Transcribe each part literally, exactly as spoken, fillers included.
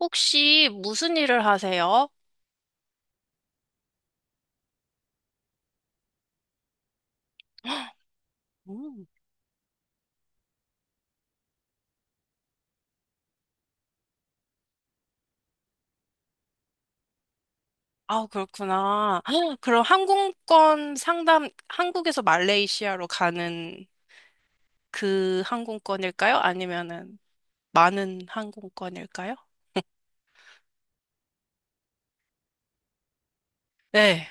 혹시 무슨 일을 하세요? 음. 아, 그렇구나. 그럼 항공권 상담, 한국에서 말레이시아로 가는 그 항공권일까요? 아니면은 많은 항공권일까요? 네.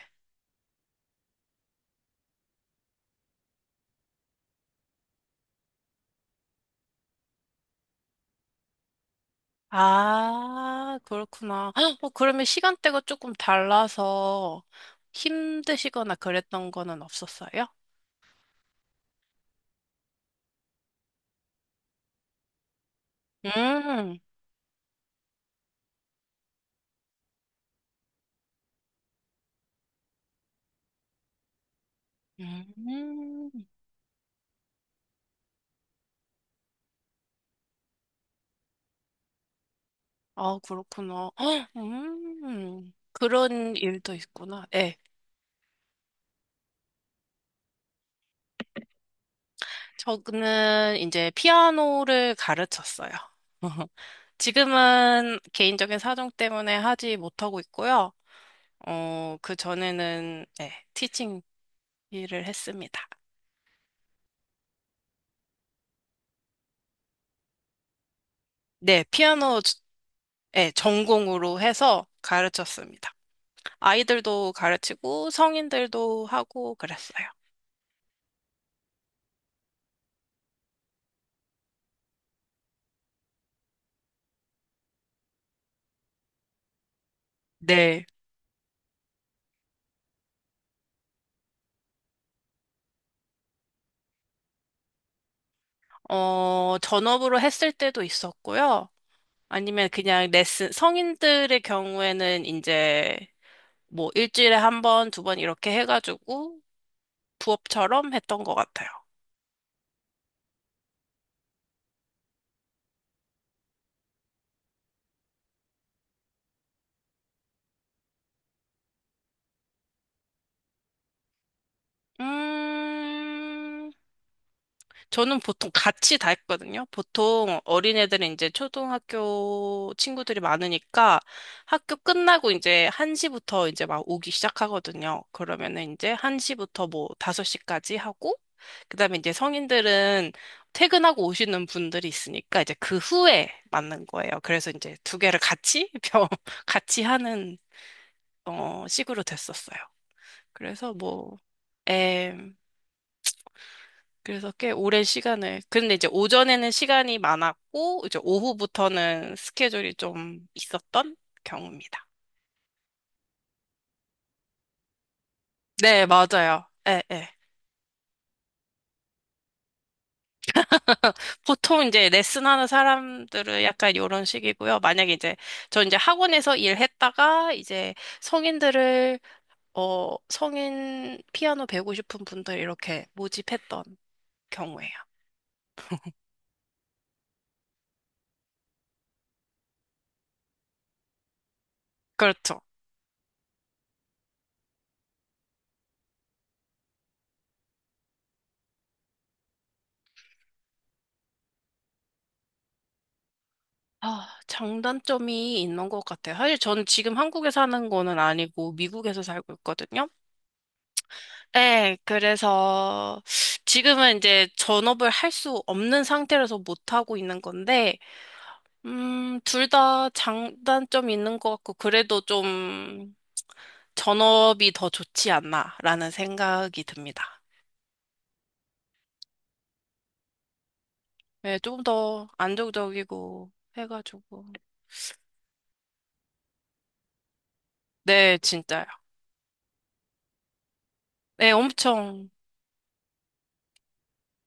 아, 그렇구나. 어, 그러면 시간대가 조금 달라서 힘드시거나 그랬던 거는 없었어요? 음, 음, 아, 그렇구나. 음, 그런 일도 있구나. 예. 저는 이제 피아노를 가르쳤어요. 지금은 개인적인 사정 때문에 하지 못하고 있고요. 어, 그 전에는 네, 티칭 일을 했습니다. 네, 피아노 주- 네, 전공으로 해서 가르쳤습니다. 아이들도 가르치고 성인들도 하고 그랬어요. 네. 어, 전업으로 했을 때도 있었고요. 아니면 그냥 레슨, 성인들의 경우에는 이제 뭐 일주일에 한 번, 두 번 이렇게 해가지고 부업처럼 했던 것 같아요. 음, 저는 보통 같이 다 했거든요. 보통 어린애들은 이제 초등학교 친구들이 많으니까 학교 끝나고 이제 한 시부터 이제 막 오기 시작하거든요. 그러면은 이제 한 시부터 뭐 다섯 시까지 하고, 그다음에 이제 성인들은 퇴근하고 오시는 분들이 있으니까 이제 그 후에 맞는 거예요. 그래서 이제 두 개를 같이, 병, 같이 하는, 어, 식으로 됐었어요. 그래서 뭐, 에, 그래서 꽤 오랜 시간을. 근데 이제 오전에는 시간이 많았고, 이제 오후부터는 스케줄이 좀 있었던 경우입니다. 네, 맞아요. 예, 예. 보통 이제 레슨하는 사람들은 약간 이런 식이고요. 만약에 이제, 저 이제 학원에서 일했다가 이제 성인들을, 어, 성인 피아노 배우고 싶은 분들 이렇게 모집했던 경우예요. 그렇죠. 아, 장단점이 있는 것 같아요. 사실 저는 지금 한국에 사는 거는 아니고 미국에서 살고 있거든요. 네, 그래서 지금은 이제 전업을 할 수 없는 상태라서 못 하고 있는 건데, 음, 둘 다 장단점이 있는 것 같고, 그래도 좀 전업이 더 좋지 않나라는 생각이 듭니다. 네, 조금 더 안정적이고 해가지고. 네, 진짜요. 네, 엄청,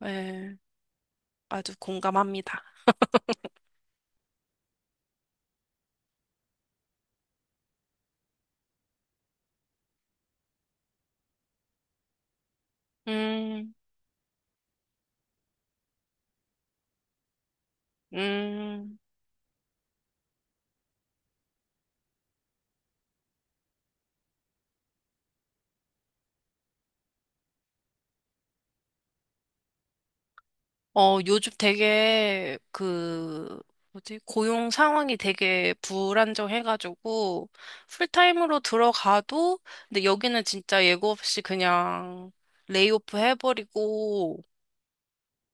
네, 아주 공감합니다. 음, 음. 어, 요즘 되게 그 뭐지? 고용 상황이 되게 불안정해가지고 풀타임으로 들어가도 근데 여기는 진짜 예고 없이 그냥 레이오프 해버리고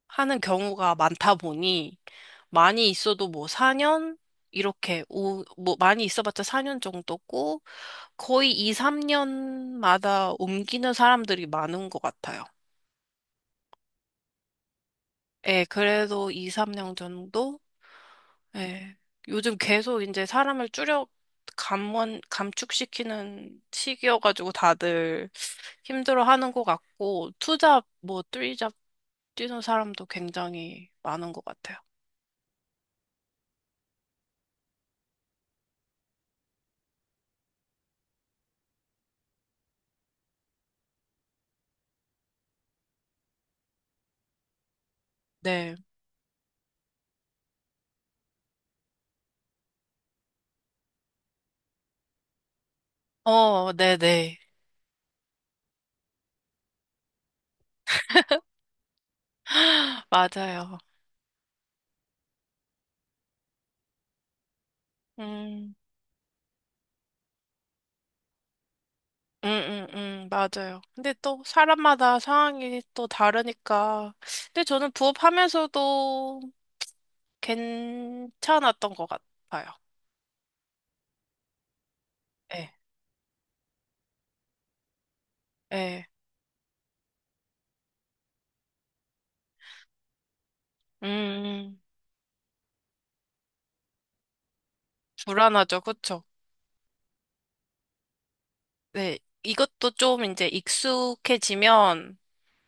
하는 경우가 많다 보니 많이 있어도 뭐 사 년 이렇게 오, 뭐 많이 있어봤자 사 년 정도고 거의 이, 삼 년마다 옮기는 사람들이 많은 것 같아요. 예, 그래도 이, 삼 년 정도? 예. 요즘 계속 이제 사람을 줄여 감원, 감축시키는 시기여가지고 다들 힘들어하는 것 같고 투잡 뭐 쓰리잡 뛰는 사람도 굉장히 많은 것 같아요. 네. 어, 네네. 맞아요. 음, 음, 음, 음, 맞아요. 근데 또 사람마다 상황이 또 다르니까. 근데 저는 부업하면서도 괜찮았던 것 같아요. 예, 예. 음, 음. 불안하죠. 그쵸? 네. 이것도 좀 이제 익숙해지면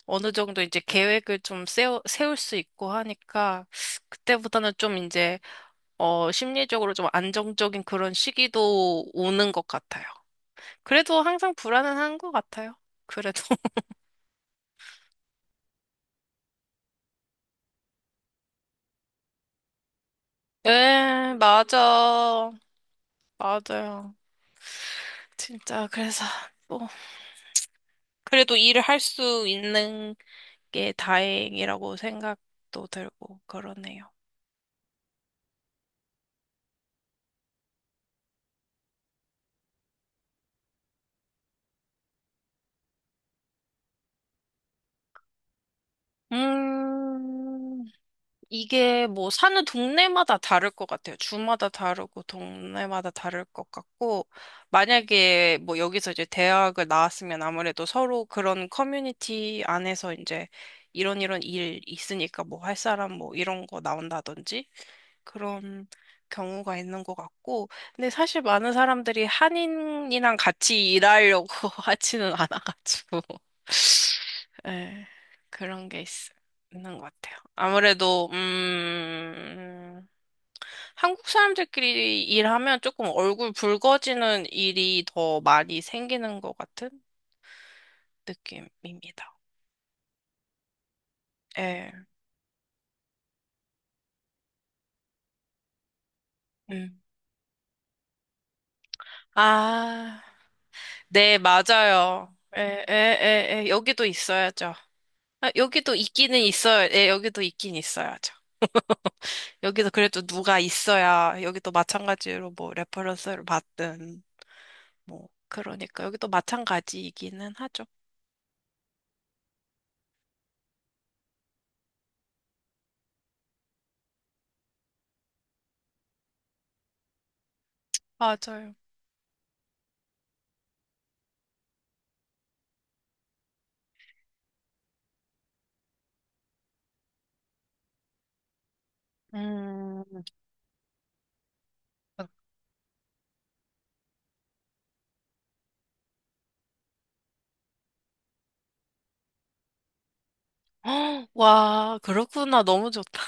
어느 정도 이제 계획을 좀 세워, 세울 수 있고 하니까 그때보다는 좀 이제, 어, 심리적으로 좀 안정적인 그런 시기도 오는 것 같아요. 그래도 항상 불안은 한 것 같아요. 그래도. 예, 맞아. 맞아요. 진짜, 그래서, 뭐, 그래도 일을 할 수 있는 게 다행이라고 생각도 들고, 그러네요. 음, 이게 뭐 사는 동네마다 다를 것 같아요. 주마다 다르고 동네마다 다를 것 같고, 만약에 뭐 여기서 이제 대학을 나왔으면 아무래도 서로 그런 커뮤니티 안에서 이제 이런 이런 일 있으니까 뭐 할 사람 뭐 이런 거 나온다든지 그런 경우가 있는 것 같고, 근데 사실 많은 사람들이 한인이랑 같이 일하려고 하지는 않아가지고, 예, 그런 게 있, 있는 것 같아요. 아무래도, 음, 한국 사람들끼리 일하면 조금 얼굴 붉어지는 일이 더 많이 생기는 것 같은 느낌입니다. 예, 음. 아, 네, 맞아요. 예, 예, 예, 예, 여기도 있어야죠. 아, 여기도 있기는 있어요. 예, 여기도 있긴 있어야죠. 여기도 그래도 누가 있어야 여기도 마찬가지로 뭐 레퍼런스를 받든 뭐 그러니까 여기도 마찬가지이기는 하죠. 맞아요. 헉, 와, 그렇구나. 너무 좋다.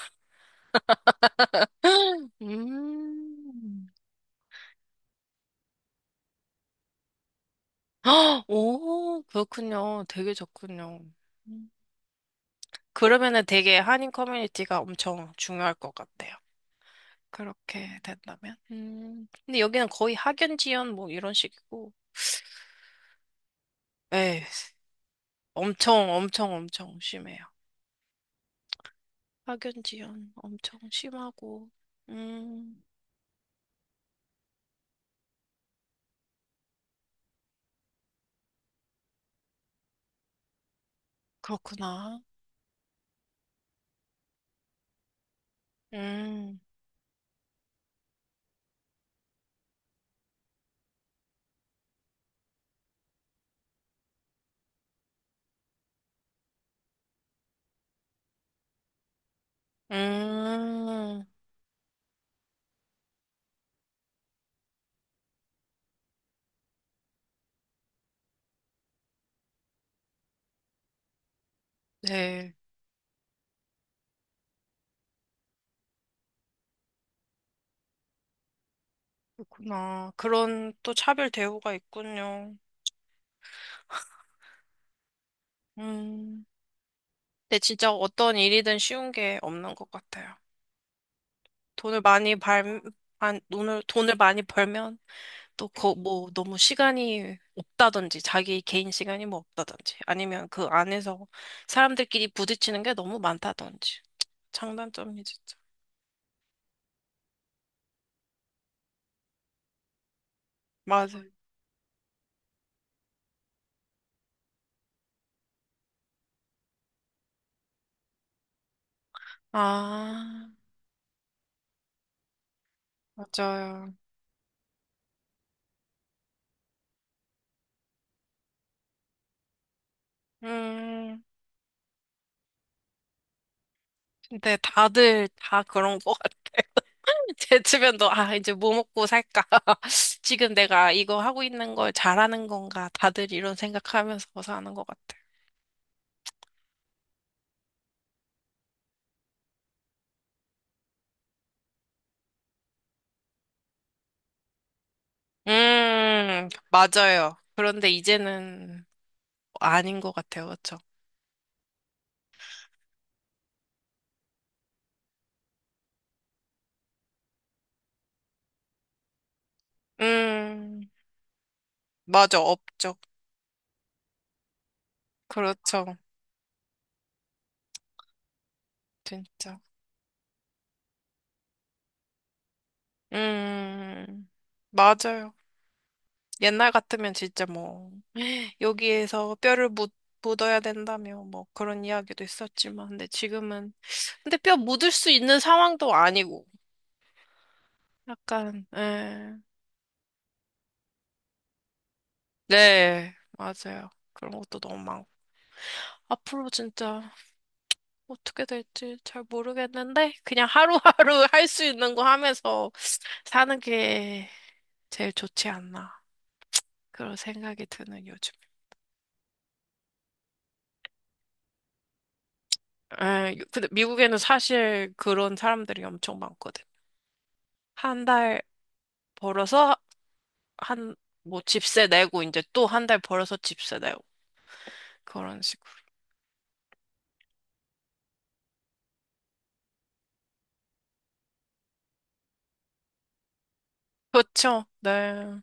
음. 헉, 오, 그렇군요. 되게 좋군요. 음. 그러면은 되게 한인 커뮤니티가 엄청 중요할 것 같아요. 그렇게 된다면. 음. 근데 여기는 거의 학연 지연 뭐 이런 식이고. 예, 엄청, 엄청, 엄청 심해요. 학연지연 엄청 심하고, 음, 그렇구나. 음, 음, 네, 그렇구나. 그런 또 차별 대우가 있군요. 음, 근데 진짜 어떤 일이든 쉬운 게 없는 것 같아요. 돈을 많이 벌, 돈을, 돈을 많이 벌면 또, 거, 뭐, 너무 시간이 없다든지, 자기 개인 시간이 뭐 없다든지, 아니면 그 안에서 사람들끼리 부딪히는 게 너무 많다든지. 장단점이 진짜. 맞아. 아, 맞아요. 음, 근데 다들 다 그런 것 같아. 제 주변도, 아, 이제 뭐 먹고 살까? 지금 내가 이거 하고 있는 걸 잘하는 건가? 다들 이런 생각하면서 사는 것 같아. 음, 맞아요. 그런데 이제는 아닌 것 같아요. 그렇죠? 음, 맞아, 업적. 그렇죠. 진짜. 음, 맞아요. 옛날 같으면 진짜 뭐, 여기에서 뼈를 묻, 묻어야 된다며, 뭐, 그런 이야기도 있었지만, 근데 지금은, 근데 뼈 묻을 수 있는 상황도 아니고, 약간, 예. 네, 맞아요. 그런 것도 너무 많고. 앞으로 진짜 어떻게 될지 잘 모르겠는데, 그냥 하루하루 할 수 있는 거 하면서 사는 게 제일 좋지 않나. 그런 생각이 드는 요즘. 에, 근데 미국에는 사실 그런 사람들이 엄청 많거든. 한 달 벌어서 한, 뭐 집세 내고 이제 또 한 달 벌어서 집세 내고 그런 식으로. 그렇죠. 네.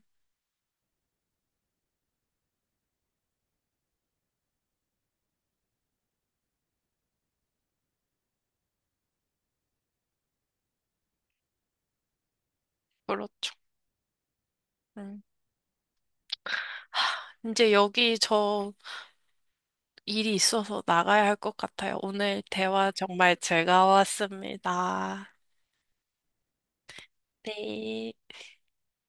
그렇죠. 음. 하, 이제 여기 저 일이 있어서 나가야 할 것 같아요. 오늘 대화 정말 즐거웠습니다. 네.